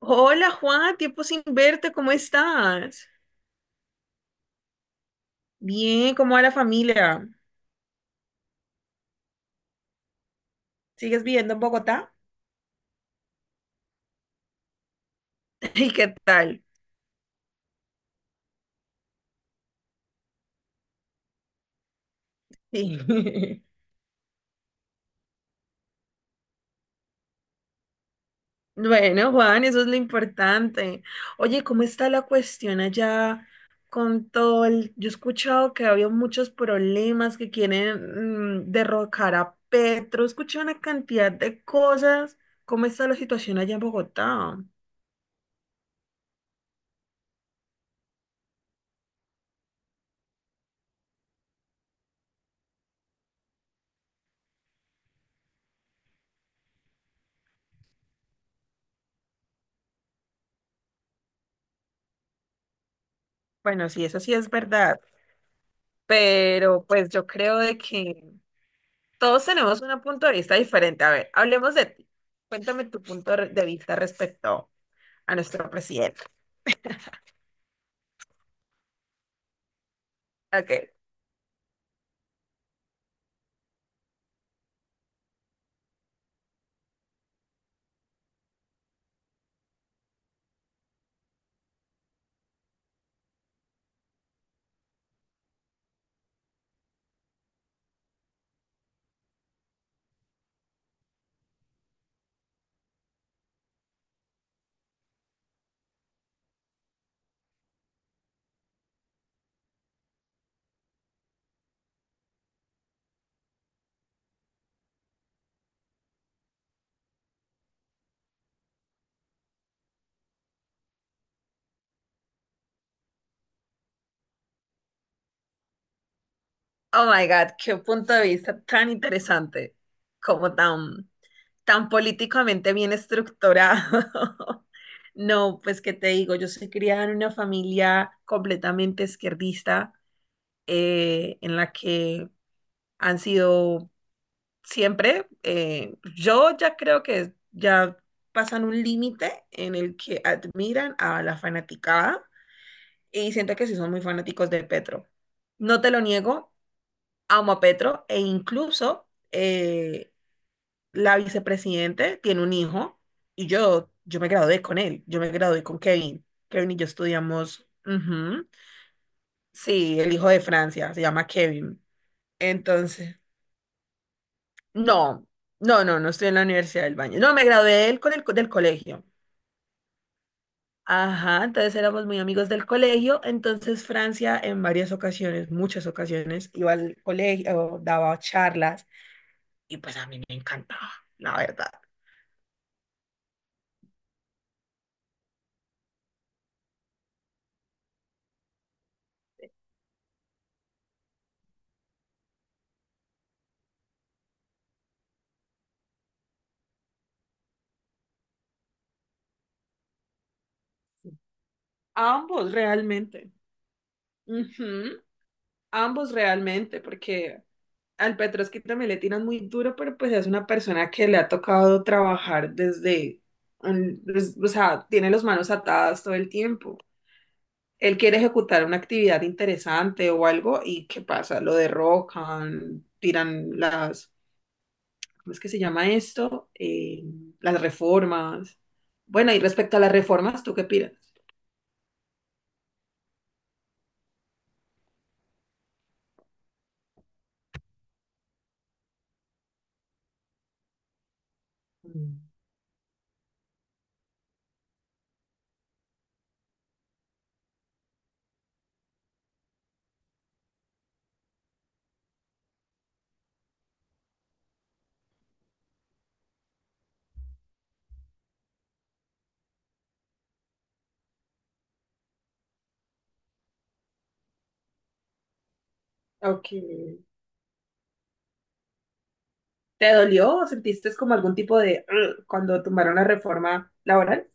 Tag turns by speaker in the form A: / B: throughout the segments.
A: Hola Juan, tiempo sin verte, ¿cómo estás? Bien, ¿cómo va la familia? ¿Sigues viviendo en Bogotá? ¿Y qué tal? Sí. Bueno, Juan, eso es lo importante. Oye, ¿cómo está la cuestión allá con todo el... Yo he escuchado que había muchos problemas que quieren derrocar a Petro, escuché una cantidad de cosas. ¿Cómo está la situación allá en Bogotá? Bueno, sí, eso sí es verdad, pero pues yo creo de que... Todos tenemos un punto de vista diferente. A ver, hablemos de ti. Cuéntame tu punto de vista respecto a nuestro presidente. Ok. Oh my God, qué punto de vista tan interesante, como tan, tan políticamente bien estructurado. No, pues qué te digo, yo soy criada en una familia completamente izquierdista, en la que han sido siempre. Yo ya creo que ya pasan un límite en el que admiran a la fanaticada y siento que sí son muy fanáticos de Petro. No te lo niego, amo a Petro e incluso la vicepresidente tiene un hijo y yo me gradué con él, yo me gradué con Kevin. Kevin y yo estudiamos, ujú, sí, el hijo de Francia, se llama Kevin. Entonces... No, no estoy en la Universidad del Valle. No, me gradué del, con el, co- del colegio. Ajá, entonces éramos muy amigos del colegio. Entonces Francia en varias ocasiones, muchas ocasiones, iba al colegio, daba charlas y pues a mí me encantaba, la verdad. Sí. Ambos realmente. Ujú, ambos realmente, porque al Petrovsky también le tiran muy duro, pero pues es una persona que le ha tocado trabajar desde, o sea, tiene las manos atadas todo el tiempo. Él quiere ejecutar una actividad interesante o algo y ¿qué pasa? Lo derrocan, tiran las, ¿cómo es que se llama esto? Las reformas. Bueno, y respecto a las reformas, ¿tú qué piensas? Mm. Ok. ¿Te dolió o sentiste como algún tipo de "Ugh", cuando tomaron la reforma laboral?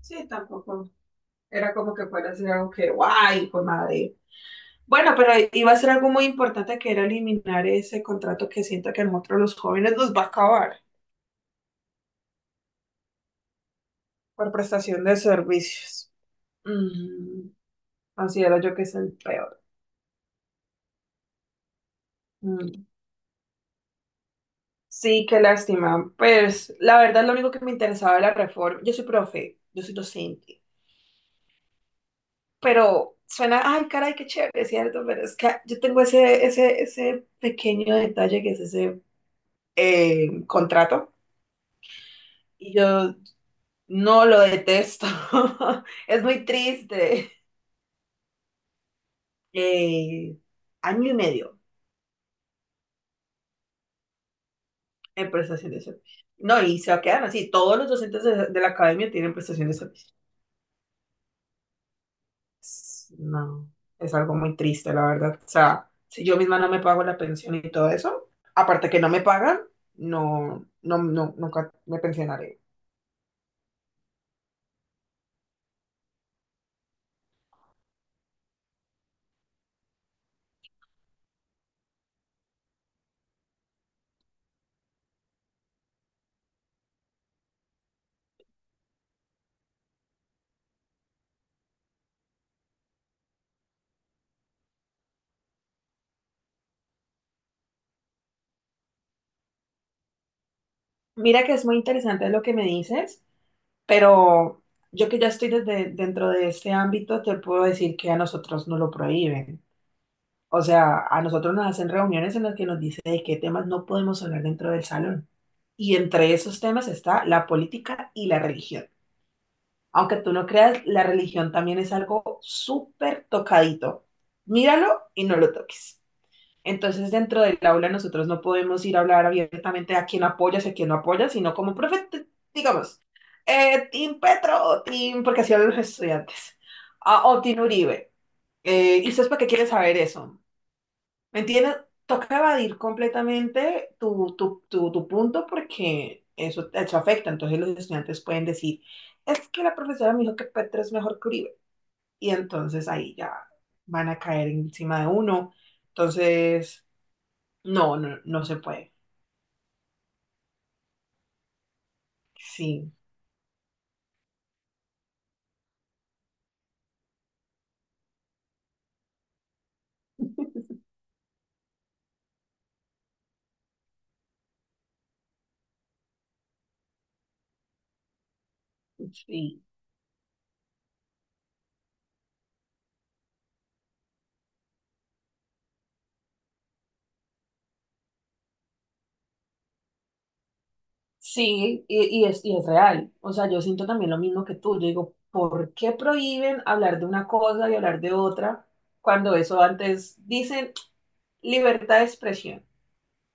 A: Sí, tampoco. Era como que fuera a ser algo que, guay, pues madre. Bueno, pero iba a ser algo muy importante que era eliminar ese contrato que siento que a nosotros los jóvenes nos va a acabar por prestación de servicios. Mm, considero yo que es el peor. Mm. Sí, qué lástima. Pues la verdad lo único que me interesaba era la reforma. Yo soy profe, yo soy docente, pero suena, ay, caray, qué chévere, ¿cierto? Pero es que yo tengo ese pequeño detalle que es ese contrato. Y yo no lo detesto. Es muy triste. Eh, Año y medio en prestación de servicio. No, y se va a quedar así. Todos los docentes de la academia tienen prestación de servicio. No, es algo muy triste, la verdad. O sea, si yo misma no me pago la pensión y todo eso, aparte que no me pagan, no, nunca me pensionaré. Mira que es muy interesante lo que me dices, pero yo que ya estoy dentro de este ámbito, te puedo decir que a nosotros no lo prohíben. O sea, a nosotros nos hacen reuniones en las que nos dice de qué temas no podemos hablar dentro del salón. Y entre esos temas está la política y la religión. Aunque tú no creas, la religión también es algo súper tocadito. Míralo y no lo toques. Entonces, dentro del aula nosotros no podemos ir a hablar abiertamente a quién apoyas y a quién no apoyas, sino como profe, digamos, Team Petro, Team, porque así hablan los estudiantes, ah, o Team Uribe. ¿Y ustedes para qué quieren saber eso? ¿Me entiendes? Toca evadir completamente tu punto porque eso afecta. Entonces los estudiantes pueden decir, es que la profesora me dijo que Petro es mejor que Uribe. Y entonces ahí ya van a caer encima de uno. Entonces, no se puede. Sí, sí, sí, y y es real. O sea, yo siento también lo mismo que tú. Yo digo, ¿por qué prohíben hablar de una cosa y hablar de otra cuando eso antes dicen libertad de expresión?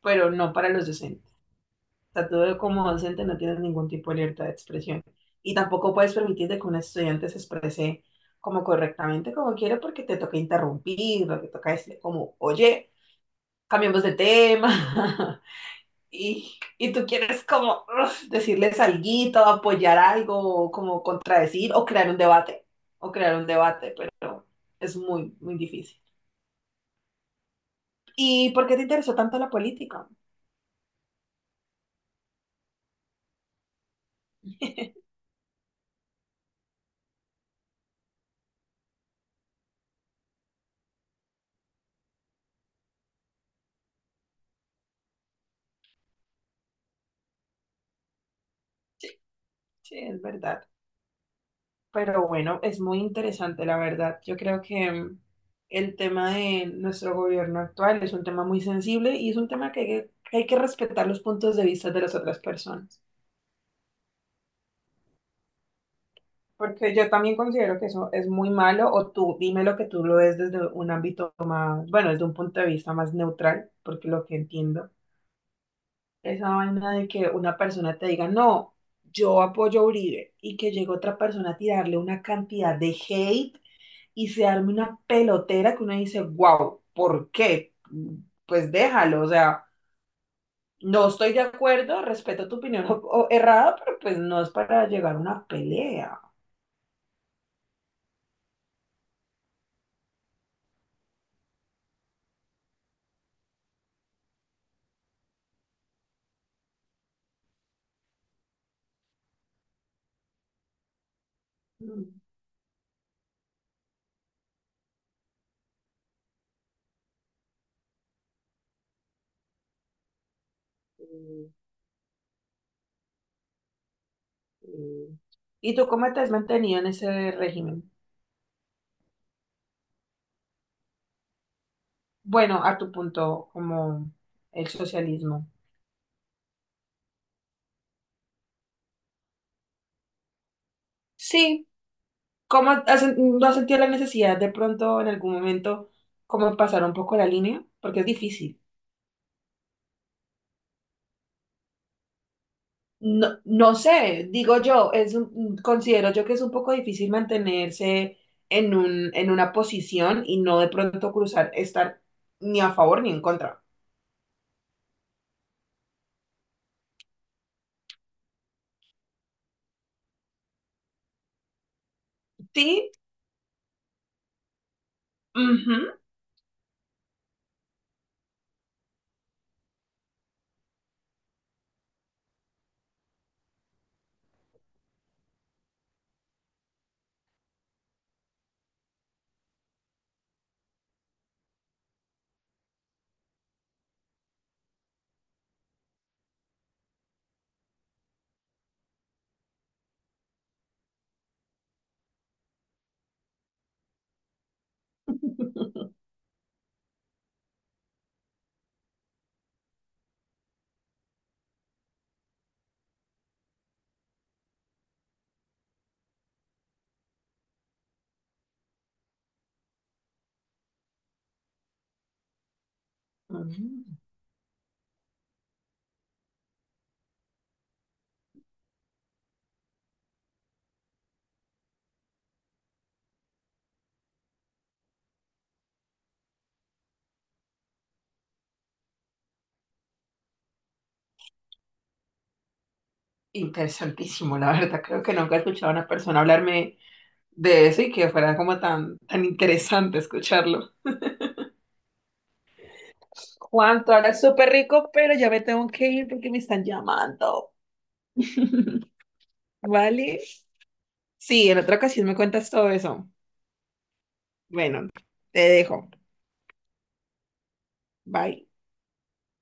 A: Pero no para los docentes. O sea, tú como docente no tienes ningún tipo de libertad de expresión y tampoco puedes permitirte que un estudiante se exprese como correctamente como quiere porque te toca interrumpir, te toca decirle como, oye, cambiemos de tema y tú quieres como uf, decirles algo, apoyar algo, como contradecir o crear un debate, o crear un debate, pero es muy, muy difícil. ¿Y por qué te interesó tanto la política? Sí, es verdad. Pero bueno, es muy interesante, la verdad. Yo creo que el tema de nuestro gobierno actual es un tema muy sensible y es un tema que hay que hay que respetar los puntos de vista de las otras personas. Porque yo también considero que eso es muy malo, o tú dime lo que tú lo ves desde un ámbito más, bueno, desde un punto de vista más neutral, porque lo que entiendo, esa vaina de que una persona te diga, no, yo apoyo a Uribe, y que llegue otra persona a tirarle una cantidad de hate y se arme una pelotera que uno dice, wow, ¿por qué? Pues déjalo, o sea, no estoy de acuerdo, respeto tu opinión o errada, pero pues no es para llegar a una pelea. Mm, mm. Mm. ¿Y tú cómo te has mantenido en ese régimen? Bueno, a tu punto, como el socialismo. Sí, ¿cómo no has sentido la necesidad de pronto en algún momento como pasar un poco la línea? Porque es difícil. No, no sé, digo yo, considero yo que es un poco difícil mantenerse en una posición y no de pronto cruzar, estar ni a favor ni en contra. Sí, ujú. Mm, interesantísimo, la verdad. Creo que nunca he escuchado a una persona hablarme de eso y que fuera como tan, tan interesante escucharlo. Juan, tú hablas súper rico, pero ya me tengo que ir porque me están llamando. ¿Vale? Sí, en otra ocasión me cuentas todo eso. Bueno, te dejo. Bye.